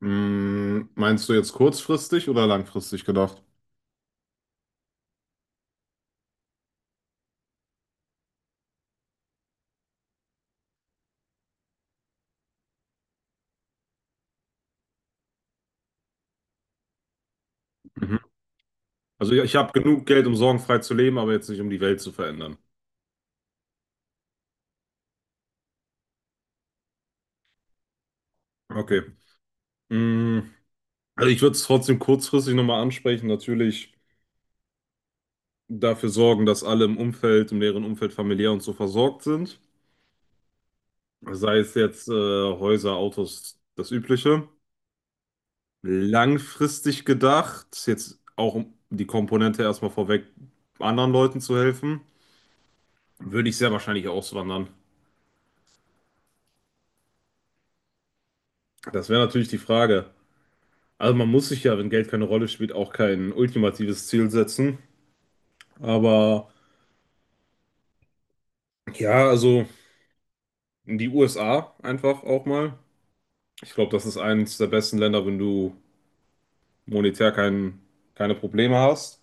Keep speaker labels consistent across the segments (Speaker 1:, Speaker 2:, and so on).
Speaker 1: Mm, meinst du jetzt kurzfristig oder langfristig gedacht? Mhm. Also ja, ich habe genug Geld, um sorgenfrei zu leben, aber jetzt nicht, um die Welt zu verändern. Okay. Mm, also ich würde es trotzdem kurzfristig nochmal ansprechen. Natürlich dafür sorgen, dass alle im Umfeld, im näheren Umfeld familiär und so versorgt sind. Sei es jetzt Häuser, Autos, das Übliche. Langfristig gedacht, jetzt auch um die Komponente erstmal vorweg, anderen Leuten zu helfen, würde ich sehr wahrscheinlich auswandern. Das wäre natürlich die Frage. Also man muss sich ja, wenn Geld keine Rolle spielt, auch kein ultimatives Ziel setzen. Aber ja, also die USA einfach auch mal. Ich glaube, das ist eines der besten Länder, wenn du monetär kein, keine Probleme hast.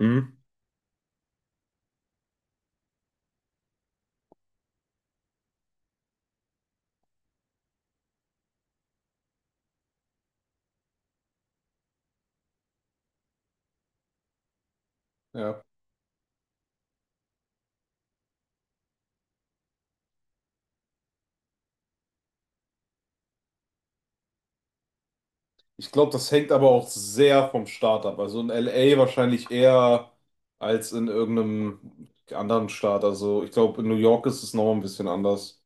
Speaker 1: Hm. Ja. Ich glaube, das hängt aber auch sehr vom Staat ab. Also in LA wahrscheinlich eher als in irgendeinem anderen Staat. Also ich glaube, in New York ist es noch ein bisschen anders.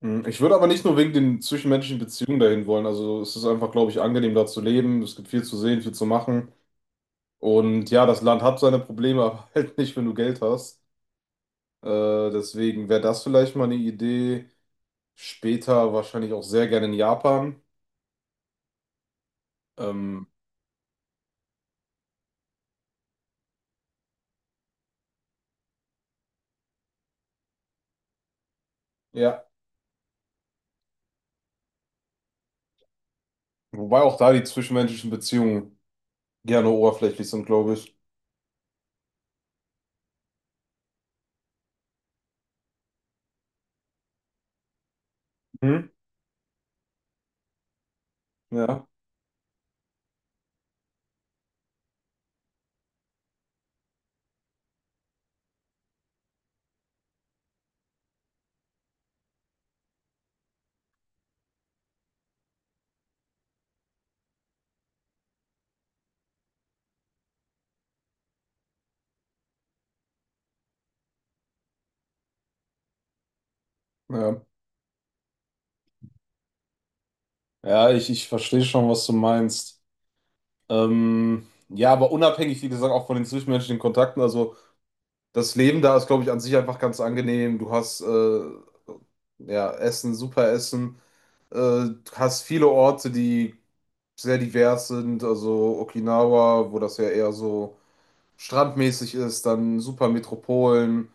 Speaker 1: Mhm. Ich würde aber nicht nur wegen den zwischenmenschlichen Beziehungen dahin wollen. Also es ist einfach, glaube ich, angenehm, da zu leben. Es gibt viel zu sehen, viel zu machen. Und ja, das Land hat seine Probleme, aber halt nicht, wenn du Geld hast. Äh, deswegen wäre das vielleicht mal eine Idee. Später wahrscheinlich auch sehr gerne in Japan. Ähm, ja, wobei auch da die zwischenmenschlichen Beziehungen gerne oberflächlich sind, glaube ich. Mhm. Ja, ja. Ja, ich verstehe schon, was du meinst. Ja, aber unabhängig, wie gesagt, auch von den zwischenmenschlichen Kontakten, also. Das Leben da ist, glaube ich, an sich einfach ganz angenehm. Du hast ja Essen, super Essen. Du hast viele Orte, die sehr divers sind. Also Okinawa, wo das ja eher so strandmäßig ist, dann super Metropolen,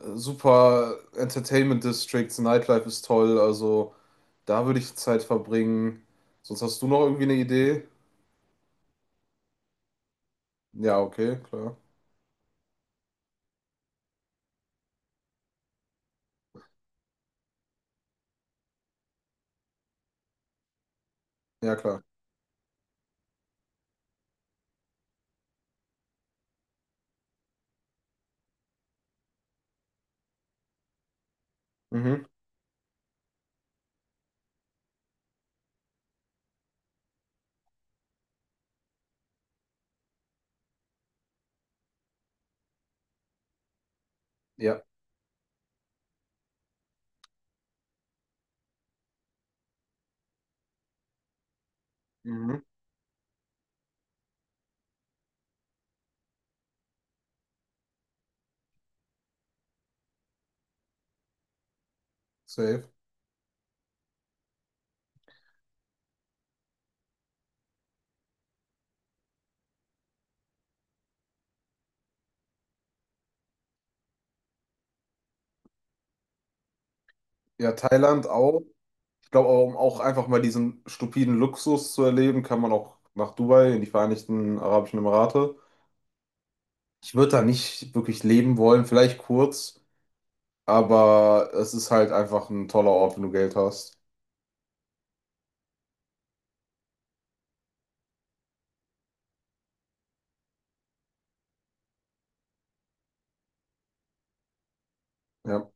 Speaker 1: super Entertainment Districts, Nightlife ist toll. Also da würde ich Zeit verbringen. Sonst hast du noch irgendwie eine Idee? Ja, okay, klar. Ja, klar. Mhm. Ja. Mhm. Safe. Ja, Thailand auch. Ich glaube, um auch einfach mal diesen stupiden Luxus zu erleben, kann man auch nach Dubai, in die Vereinigten Arabischen Emirate. Ich würde da nicht wirklich leben wollen, vielleicht kurz, aber es ist halt einfach ein toller Ort, wenn du Geld hast. Ja.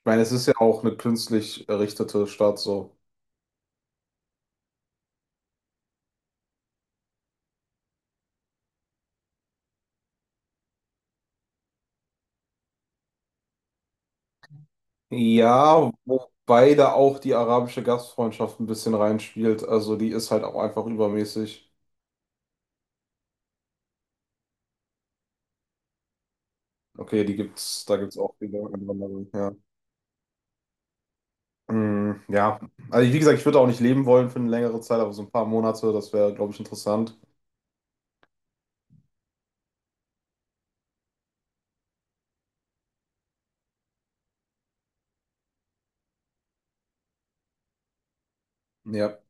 Speaker 1: Ich meine, es ist ja auch eine künstlich errichtete Stadt so. Ja, wobei da auch die arabische Gastfreundschaft ein bisschen reinspielt. Also die ist halt auch einfach übermäßig. Okay, die gibt's, da gibt's auch viele Einwanderer, ja. Mm, ja, also wie gesagt, ich würde auch nicht leben wollen für eine längere Zeit, aber so ein paar Monate, das wäre, glaube ich, interessant. Ja.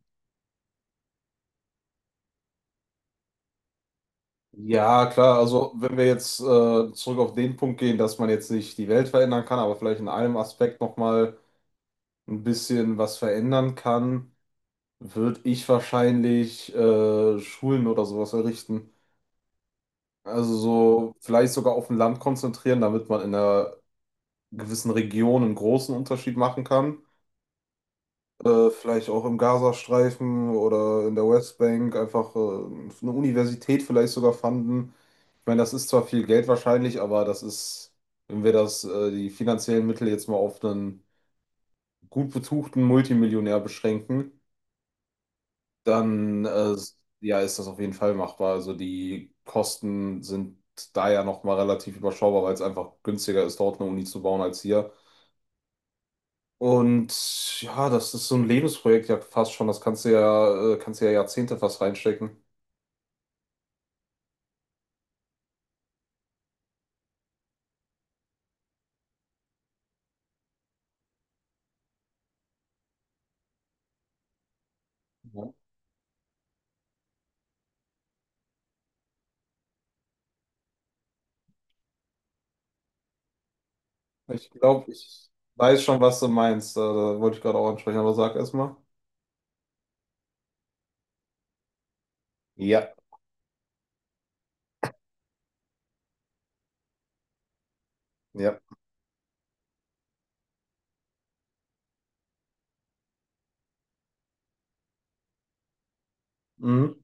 Speaker 1: Ja, klar, also wenn wir jetzt zurück auf den Punkt gehen, dass man jetzt nicht die Welt verändern kann, aber vielleicht in einem Aspekt nochmal ein bisschen was verändern kann, würde ich wahrscheinlich Schulen oder sowas errichten. Also so vielleicht sogar auf ein Land konzentrieren, damit man in einer gewissen Region einen großen Unterschied machen kann. Vielleicht auch im Gazastreifen oder in der Westbank einfach eine Universität vielleicht sogar fanden. Ich meine, das ist zwar viel Geld wahrscheinlich, aber das ist, wenn wir die finanziellen Mittel jetzt mal auf einen gut betuchten Multimillionär beschränken, dann ja, ist das auf jeden Fall machbar. Also die Kosten sind da ja nochmal relativ überschaubar, weil es einfach günstiger ist, dort eine Uni zu bauen als hier. Und ja, das ist so ein Lebensprojekt ja fast schon. Das kannst du ja Jahrzehnte fast reinstecken. Ja. Ich glaube, ich weiß schon, was du meinst. Da wollte ich gerade auch ansprechen, aber sag erst mal. Ja, ja. Mhm.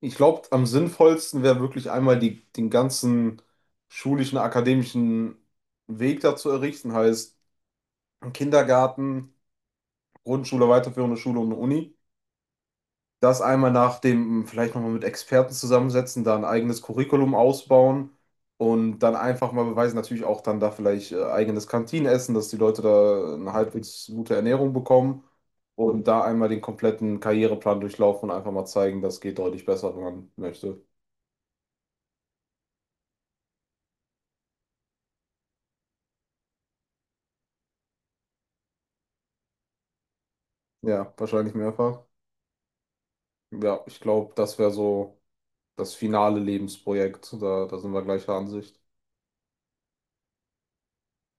Speaker 1: Ich glaube, am sinnvollsten wäre wirklich einmal den ganzen schulischen, akademischen Weg dazu errichten, heißt Kindergarten, Grundschule, weiterführende Schule und eine Uni. Das einmal nach dem, vielleicht nochmal mit Experten zusammensetzen, da ein eigenes Curriculum ausbauen und dann einfach mal beweisen, natürlich auch dann da vielleicht eigenes Kantinenessen, dass die Leute da eine halbwegs gute Ernährung bekommen und da einmal den kompletten Karriereplan durchlaufen und einfach mal zeigen, das geht deutlich besser, wenn man möchte. Ja, wahrscheinlich mehrfach. Ja, ich glaube, das wäre so das finale Lebensprojekt. Da sind wir gleicher Ansicht.